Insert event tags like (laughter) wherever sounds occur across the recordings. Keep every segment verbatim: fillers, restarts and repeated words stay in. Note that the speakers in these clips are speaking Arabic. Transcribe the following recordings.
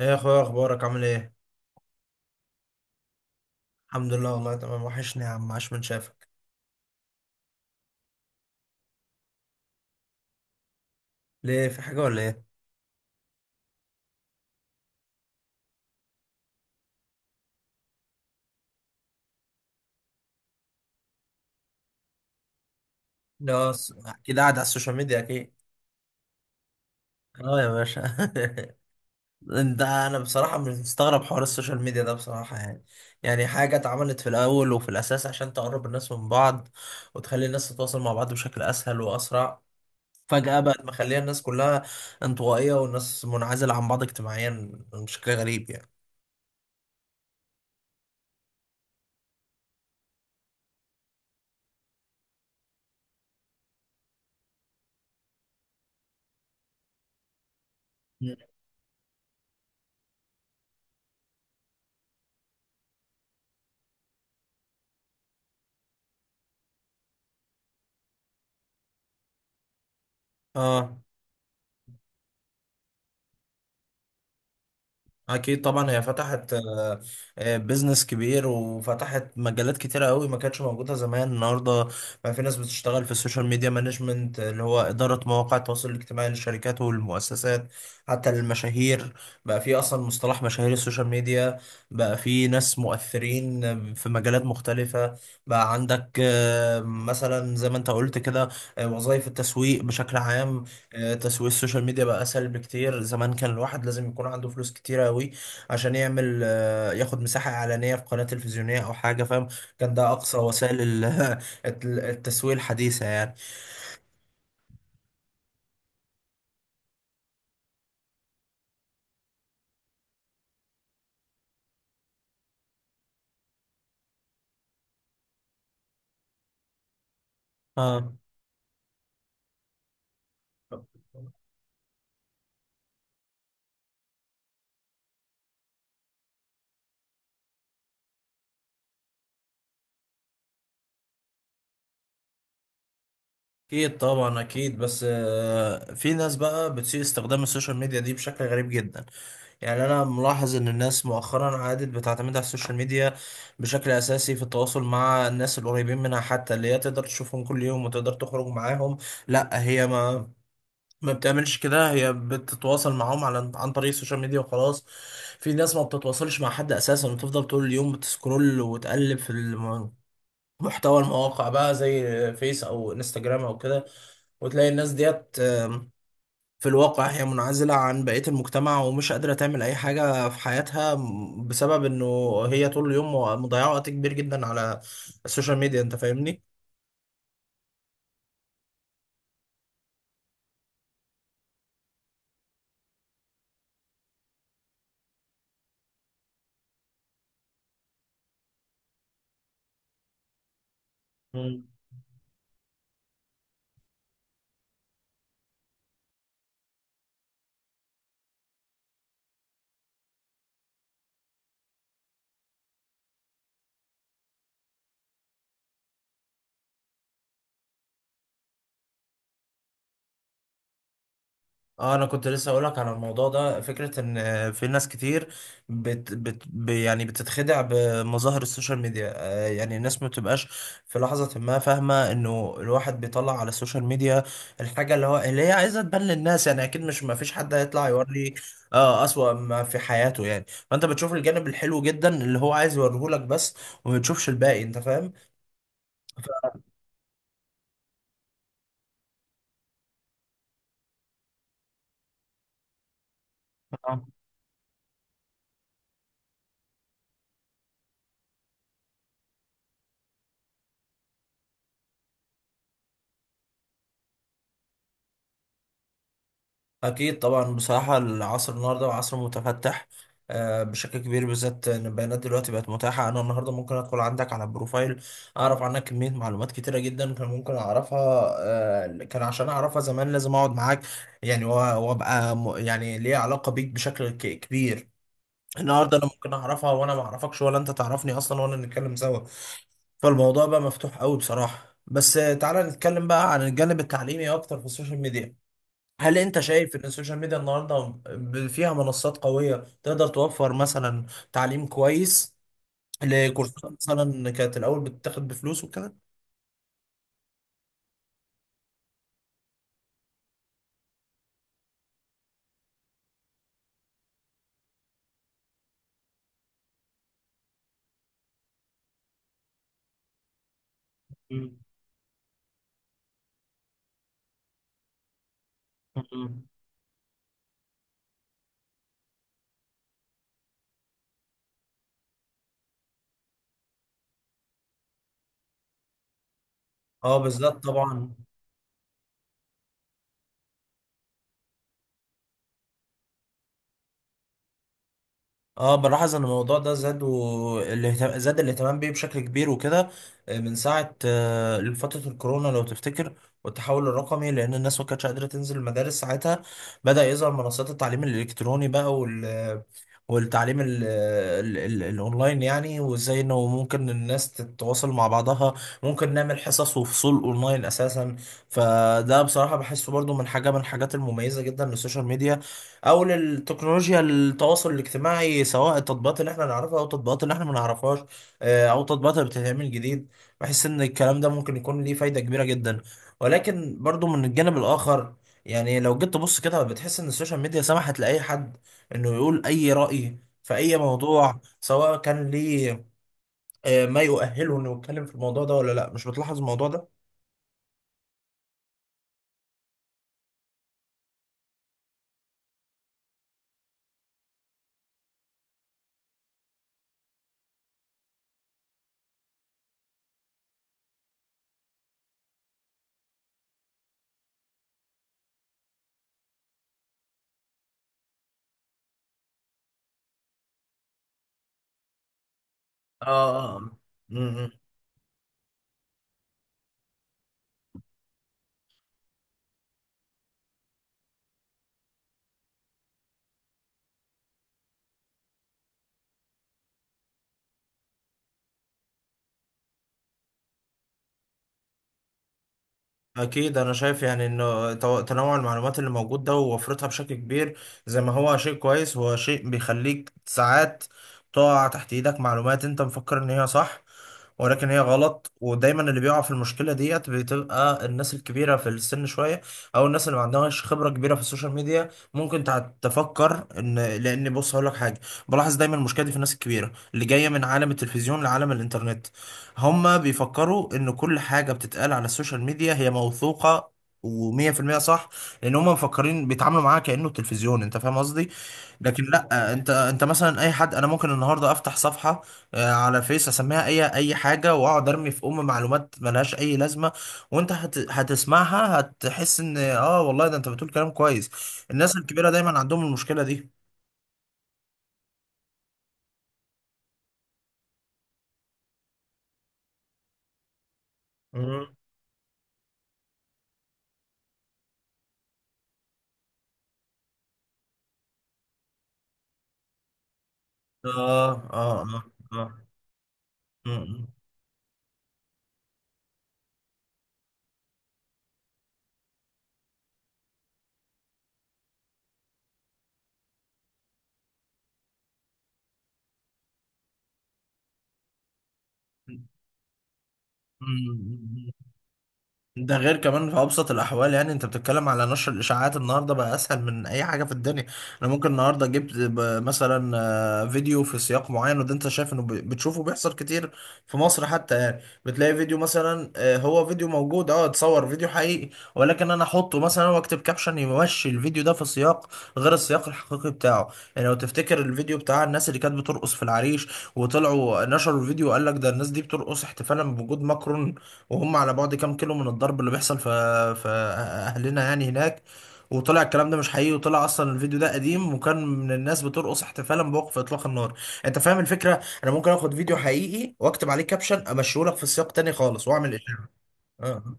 ايه يا اخويا، ايه اخبارك؟ عامل ايه؟ الحمد لله والله تمام، وحشني يا عم، عاش من شافك. ليه، في حاجه ولا ايه؟ لا، س- اكيد قاعد على السوشيال ميديا، اكيد. اه يا باشا. (laughs) انت انا بصراحه مش مستغرب حوار السوشيال ميديا ده، بصراحه يعني. يعني حاجه اتعملت في الاول وفي الاساس عشان تقرب الناس من بعض، وتخلي الناس تتواصل مع بعض بشكل اسهل واسرع، فجاه بقت مخليه الناس كلها انطوائيه، والناس منعزله عن بعض اجتماعيا بشكل غريب يعني. مم. اه، اكيد طبعا، هي فتحت آه، آه، بيزنس كبير، وفتحت مجالات كتيره قوي ما كانتش موجوده زمان. النهارده بقى في ناس بتشتغل في السوشيال ميديا مانجمنت، اللي هو اداره مواقع التواصل الاجتماعي للشركات والمؤسسات، حتى للمشاهير. بقى في اصلا مصطلح مشاهير السوشيال ميديا، بقى في ناس مؤثرين في مجالات مختلفه. بقى عندك آه، مثلا زي ما انت قلت كده، آه، وظائف التسويق بشكل عام. آه، تسويق السوشيال ميديا بقى اسهل بكتير. زمان كان الواحد لازم يكون عنده فلوس كتيره قوي عشان يعمل آه، ياخد مساحه اعلانيه في قناه تلفزيونيه او حاجه، فاهم. كان ده اقصى وسائل ال- (laughs) الت- التسويق الحديثه يعني. اه، اكيد طبعا، اكيد. بس آه، في ناس بقى بتسيء استخدام السوشيال ميديا دي بشكل غريب جدا. يعني انا ملاحظ ان الناس مؤخرا عادت بتعتمد على السوشيال ميديا بشكل اساسي في التواصل مع الناس القريبين منها، حتى اللي هي تقدر تشوفهم كل يوم وتقدر تخرج معاهم. لا، هي ما ما بتعملش كده، هي بتتواصل معاهم على عن طريق السوشيال ميديا وخلاص. في ناس ما بتتواصلش مع حد اساسا، وتفضل طول اليوم بتسكرول وتقلب في الم- محتوى المواقع بقى، زي فيس او انستجرام او كده. وتلاقي الناس ديت في الواقع هي منعزلة عن بقية المجتمع، ومش قادرة تعمل أي حاجة في حياتها م- بسبب إنه هي طول اليوم مضيعة وقت كبير جدا على السوشيال ميديا. أنت فاهمني؟ اه، انا كنت لسه اقولك على الموضوع ده، فكرة ان آه، في ناس كتير بت بت ب- يعني بتتخدع بمظاهر السوشيال ميديا. آه، يعني الناس ما بتبقاش في لحظة ما فاهمة انه الواحد بيطلع على السوشيال ميديا الحاجة اللي هو اللي هي عايزة تبان للناس. يعني اكيد مش، ما فيش حد هيطلع يوري، اه، اسوأ ما في حياته يعني، فانت بتشوف الجانب الحلو جدا اللي هو عايز يوريهولك بس، وما بتشوفش الباقي. انت فاهم. أكيد طبعا، بصراحة العصر النهاردة عصر متفتح آه، بشكل كبير، بالذات إن البيانات دلوقتي بقت متاحة. أنا النهاردة ممكن أدخل عندك على البروفايل، أعرف عنك كمية معلومات كتيرة جدا كان ممكن أعرفها. آه، كان عشان أعرفها زمان لازم أقعد معاك يعني، و- وأبقى م- يعني ليا علاقة بيك بشكل ك- كبير. النهاردة أنا ممكن أعرفها وأنا ما أعرفكش ولا أنت تعرفني أصلا ولا نتكلم سوا. فالموضوع بقى مفتوح قوي بصراحة. بس آه، تعالى نتكلم بقى عن الجانب التعليمي أكتر في السوشيال ميديا. هل انت شايف ان السوشيال ميديا النهارده ب- فيها منصات قويه تقدر توفر مثلا تعليم كويس لكورسات مثلا كانت الاول بتتاخد بفلوس وكده؟ مم. مم. اه، بالذات طبعا. اه، بلاحظ ان الموضوع ده زاد، والاهتمام زاد الاهتمام بيه بشكل كبير وكده، آه، من ساعة آه، فترة الكورونا لو تفتكر، والتحول الرقمي، لان الناس ما كانتش قادرة تنزل المدارس ساعتها. بدأ يظهر منصات التعليم الالكتروني بقى، وال والتعليم ال ال ال الاونلاين يعني، وازاي انه ممكن الناس تتواصل مع بعضها. ممكن نعمل حصص وفصول اونلاين اساسا. فده بصراحة بحسه برضو من حاجة، من الحاجات المميزة جدا للسوشيال ميديا، او للتكنولوجيا التواصل الاجتماعي، سواء التطبيقات اللي احنا نعرفها او التطبيقات اللي احنا ما نعرفهاش، آه، او التطبيقات اللي بتتعمل جديد. بحس ان الكلام ده ممكن يكون ليه فايدة كبيرة جدا. ولكن برضو من الجانب الاخر، يعني لو جيت تبص كده بتحس ان السوشيال ميديا سمحت لاي حد انه يقول اي رأي في اي موضوع، سواء كان ليه آه، ما يؤهله انه يتكلم في الموضوع ده ولا لا. مش بتلاحظ الموضوع ده؟ اه. آه. أكيد، أنا شايف يعني إنه تو- تنوع المعلومات اللي موجود ده ووفرتها بشكل كبير، زي ما هو شيء كويس، هو شيء بيخليك ساعات تقع تحت إيدك معلومات أنت مفكر إن هي صح ولكن هي غلط. ودايما اللي بيقع في المشكلة ديت بتبقى الناس الكبيرة في السن شوية، أو الناس اللي ما عندهاش خبرة كبيرة في السوشيال ميديا، ممكن تع- تفكر إن، لأن بص هقول لك حاجة، بلاحظ دايما المشكلة دي في الناس الكبيرة اللي جاية من عالم التلفزيون لعالم الإنترنت، هما بيفكروا ان كل حاجة بتتقال على السوشيال ميديا هي موثوقة ومية في المية صح، لان هما مفكرين بيتعاملوا معاها كأنه التلفزيون. انت فاهم قصدي؟ لكن لا، انت انت مثلا اي حد. انا ممكن النهاردة افتح صفحة آه، على فيس اسميها اي اي حاجة، واقعد ارمي في ام معلومات ملهاش اي لازمة، وانت هت... هتسمعها، هتحس ان اه والله ده انت بتقول كلام كويس. الناس الكبيرة دايما عندهم المشكلة دي. مم. اه، اه، اه. اه. مم. ده غير كمان في ابسط الاحوال، يعني انت بتتكلم على نشر الاشاعات، النهارده بقى اسهل من اي حاجه في الدنيا. انا ممكن النهارده جبت ب- مثلا آه، فيديو في سياق معين، وده انت شايف انه ب- بتشوفه بيحصل كتير في مصر حتى. يعني بتلاقي فيديو مثلا، آه، هو فيديو موجود، اه، اتصور فيديو حقيقي، ولكن انا احطه مثلا واكتب كابشن يمشي الفيديو ده في سياق غير السياق الحقيقي بتاعه. يعني لو تفتكر الفيديو بتاع الناس اللي كانت بترقص في العريش، وطلعوا نشروا الفيديو وقال لك ده الناس دي بترقص احتفالا بوجود ماكرون، وهم على بعد كام كيلو من الضرب اللي بيحصل في في اهلنا يعني هناك، وطلع الكلام ده مش حقيقي، وطلع اصلا الفيديو ده قديم وكان من الناس بترقص احتفالا بوقف اطلاق النار. انت فاهم الفكره؟ انا ممكن اخد فيديو حقيقي واكتب عليه كابشن امشيه لك في سياق تاني خالص واعمل اشاعه. اه،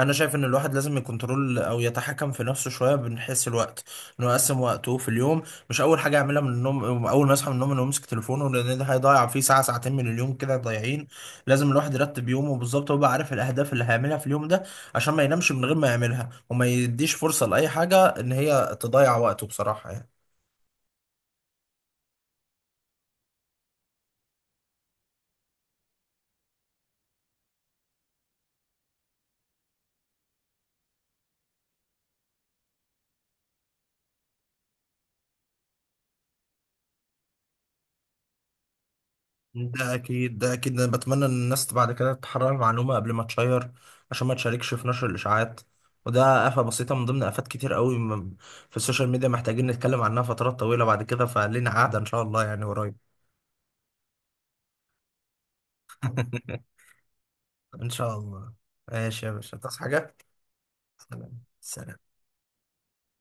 انا شايف ان الواحد لازم يكنترول او يتحكم في نفسه شويه من حيث الوقت، انه يقسم وقته في اليوم. مش اول حاجه يعملها من النوم، اول ما يصحى من النوم انه يمسك تليفونه، لان ده هيضيع فيه ساعه ساعتين من اليوم كده ضايعين. لازم الواحد يرتب يومه بالظبط، ويبقى عارف الاهداف اللي هيعملها في اليوم ده، عشان ما ينامش من غير ما يعملها، وما يديش فرصه لاي حاجه ان هي تضيع وقته بصراحه يعني. ده اكيد، ده اكيد. انا بتمنى ان الناس بعد كده تحرر المعلومه قبل ما تشير، عشان ما تشاركش في نشر الاشاعات، وده آفة بسيطة من ضمن آفات كتير قوي م- في السوشيال ميديا محتاجين نتكلم عنها فترات طويلة بعد كده. فلينا قعدة إن شاء الله يعني قريب. (laughs) إن شاء الله. ماشي يا باشا، تصحى حاجة. سلام سلام.